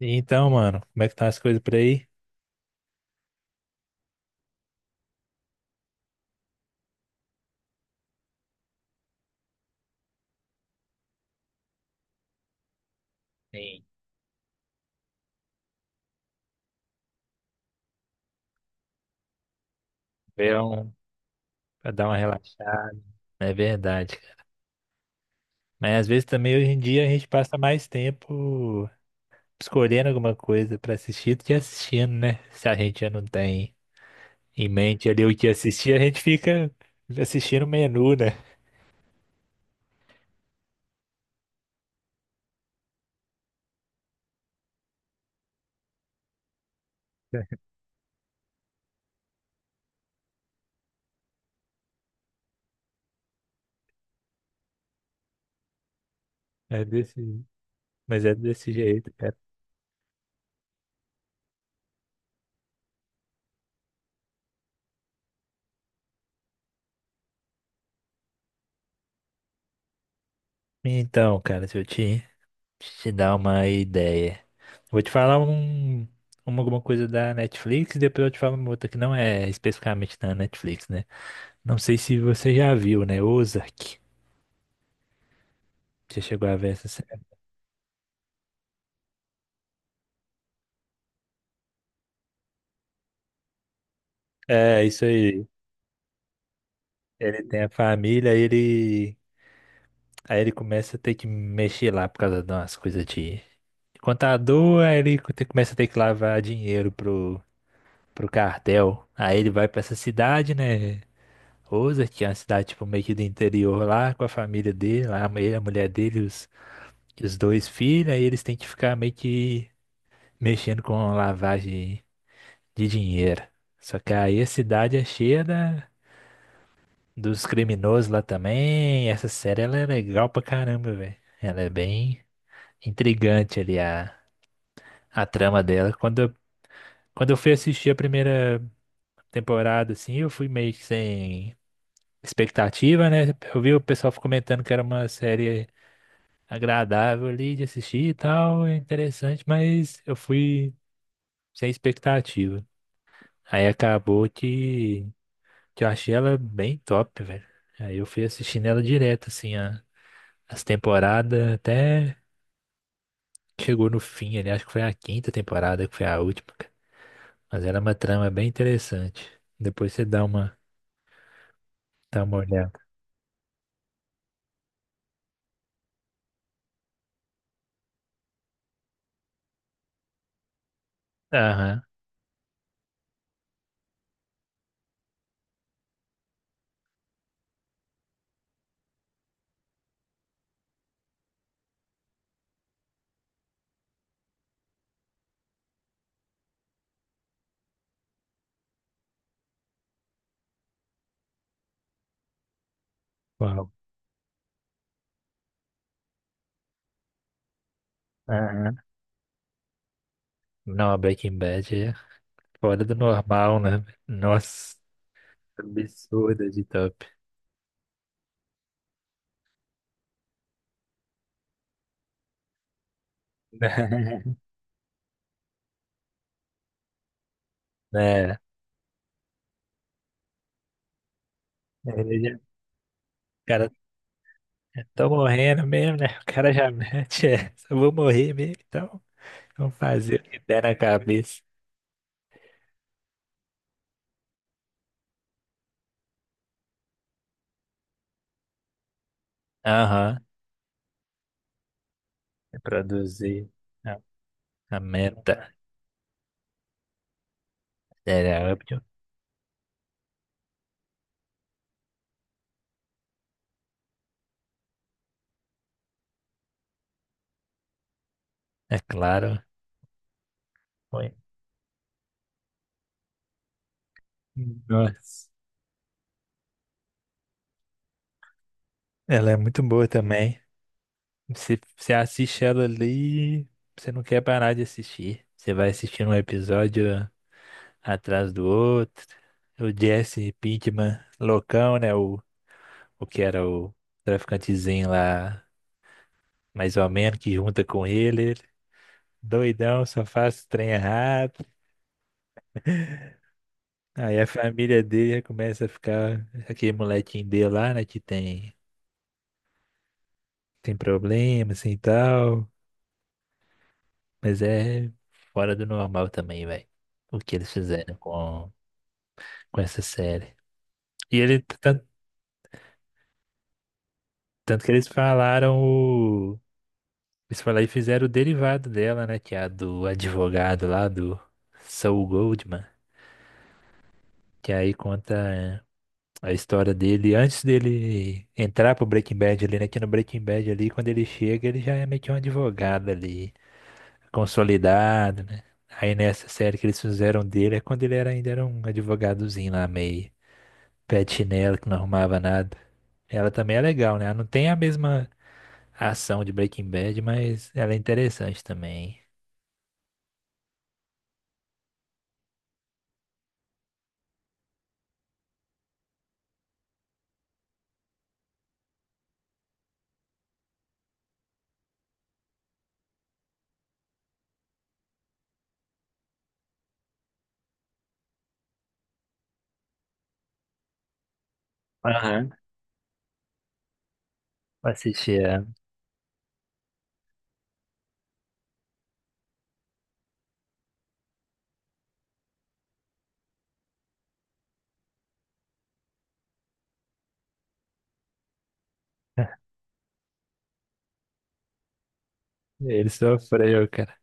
Então, mano, como é que estão as coisas por aí? Sim. Ver um, pra dar uma relaxada. É verdade, cara. Mas às vezes também hoje em dia a gente passa mais tempo escolhendo alguma coisa pra assistir do que assistindo, né? Se a gente já não tem em mente ali o que assistir, a gente fica assistindo o menu, né? É desse, mas é desse jeito, cara. Então, cara, se eu te dar uma ideia. Vou te falar alguma coisa da Netflix e depois eu te falo uma outra que não é especificamente da Netflix, né? Não sei se você já viu, né? Ozark. Você chegou a ver essa série? É, isso aí. Ele tem a família, ele. Aí ele começa a ter que mexer lá por causa de umas coisas de contador, aí ele começa a ter que lavar dinheiro pro cartel. Aí ele vai pra essa cidade, né? Rosa, que é uma cidade tipo, meio que do interior lá, com a família dele, lá, ele, a mulher dele, os dois filhos, aí eles têm que ficar meio que mexendo com lavagem de dinheiro. Só que aí a cidade é cheia dos criminosos lá também. Essa série ela é legal pra caramba, velho. Ela é bem intrigante ali a trama dela. Quando eu fui assistir a primeira temporada, assim, eu fui meio que sem expectativa, né? Eu vi o pessoal comentando que era uma série agradável ali de assistir e tal, é interessante, mas eu fui sem expectativa. Aí acabou que eu achei ela bem top, velho. Aí eu fui assistindo ela direto, assim, as temporadas, até chegou no fim ali, acho que foi a quinta temporada que foi a última, cara. Mas era uma trama bem interessante. Depois você dá uma olhada. Aham. Uau. Aham. Não, a Breaking Bad é fora do normal, né? Nossa, absurda de top. É, ele já, o cara, tô morrendo mesmo, né? O cara já mete essa, eu vou morrer mesmo, então vamos fazer o que der na cabeça. Aham. Reproduzir a, a meta. Era óbvio, é claro. Foi. Nossa, ela é muito boa também. Você assiste ela ali, você não quer parar de assistir. Você vai assistindo um episódio atrás do outro. O Jesse Pinkman, loucão, né? O que era o traficantezinho lá, mais ou menos, que junta com ele. Ele doidão, só faz trem errado. Aí a família dele já começa a ficar. Aquele molequinho dele lá, né? Que tem problema, assim e tal. Mas é fora do normal também, velho. O que eles fizeram com essa série. E ele, tanto, que eles falaram o. Eles falaram e fizeram o derivado dela, né? Que é a do advogado lá, do Saul Goldman. Que aí conta. A história dele, antes dele entrar pro Breaking Bad ali, né? Que no Breaking Bad ali, quando ele chega, ele já é meio que um advogado ali, consolidado, né? Aí nessa série que eles fizeram dele é quando ele era, ainda era um advogadozinho lá, meio pé de chinelo, que não arrumava nada. Ela também é legal, né? Ela não tem a mesma ação de Breaking Bad, mas ela é interessante também. Aham. Pra assistir ela. Ele sofreu, cara.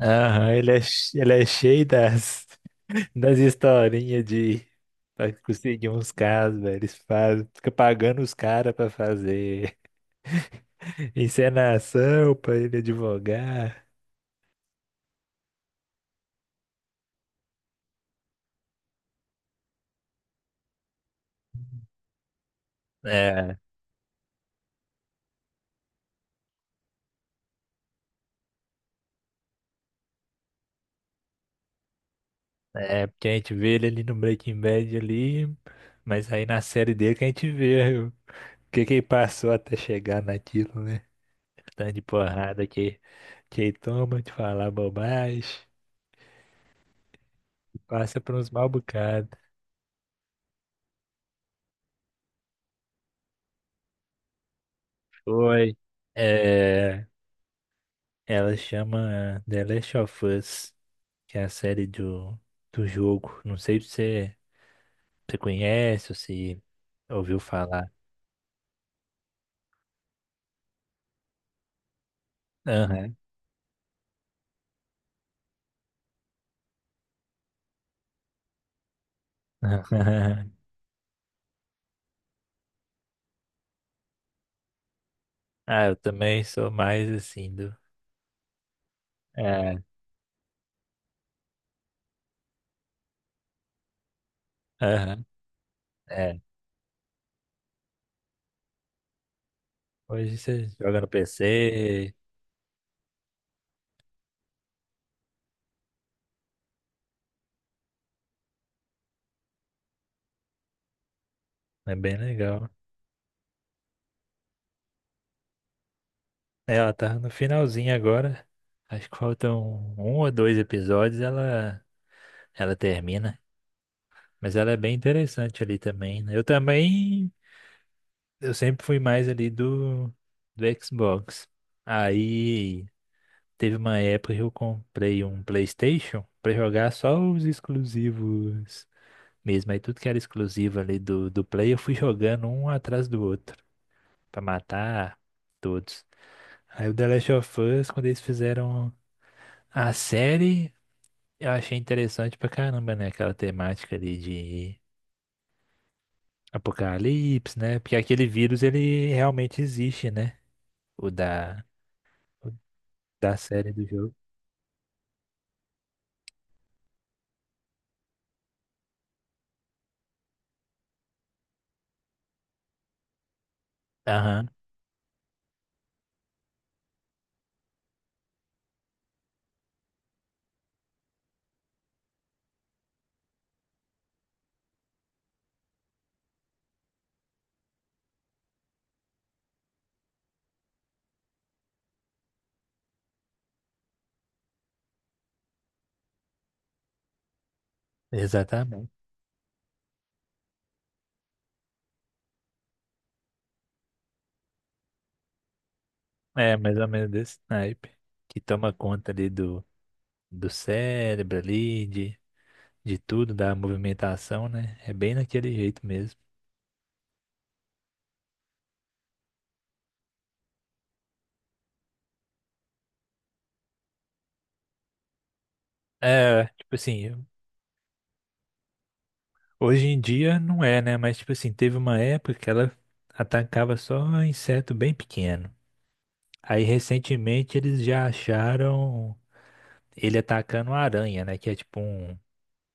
Aham, ele é cheio das. Das historinhas de pra conseguir uns casos, velho. Eles fazem, fica pagando os caras pra fazer encenação, pra ele advogar. É, porque a gente vê ele ali no Breaking Bad ali, mas aí na série dele que a gente vê o que que ele passou até chegar naquilo, né? Tanto de porrada que ele toma de falar bobagem, passa por uns mal bocados. Foi. É, ela chama The Last of Us. Que é a série do jogo. Não sei se você conhece ou se ouviu falar. Aham. Ah, eu também sou mais assim do. É, aham, é. Hoje você joga no PC, é bem legal. É, ela tá no finalzinho agora. Acho que faltam um ou dois episódios, ela termina. Mas ela é bem interessante ali também, né? Eu também, eu sempre fui mais ali do Xbox. Aí teve uma época que eu comprei um PlayStation pra jogar só os exclusivos mesmo. Aí tudo que era exclusivo ali do Play, eu fui jogando um atrás do outro pra matar todos. Aí o The Last of Us, quando eles fizeram a série, eu achei interessante pra caramba, né? Aquela temática ali de apocalipse, né? Porque aquele vírus, ele realmente existe, né? O da, o da série do jogo. Aham, exatamente. É, mais ou menos desse naipe. Que toma conta ali do cérebro ali, de tudo, da movimentação, né? É bem naquele jeito mesmo. É, tipo assim, hoje em dia não é, né? Mas tipo assim, teve uma época que ela atacava só inseto bem pequeno. Aí recentemente eles já acharam ele atacando a aranha, né? Que é tipo um,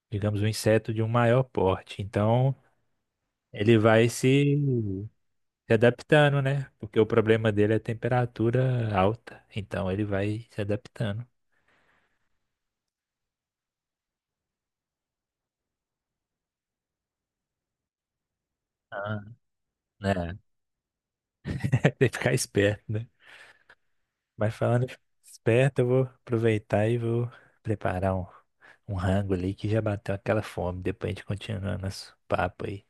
digamos, um inseto de um maior porte. Então ele vai se adaptando, né? Porque o problema dele é a temperatura alta, então ele vai se adaptando. Ah, né? Tem que ficar esperto, né? Mas falando em esperto, eu vou aproveitar e vou preparar um rango ali que já bateu aquela fome. Depois a gente continua nosso papo aí.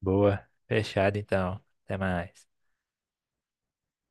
Boa, fechado então. Até mais.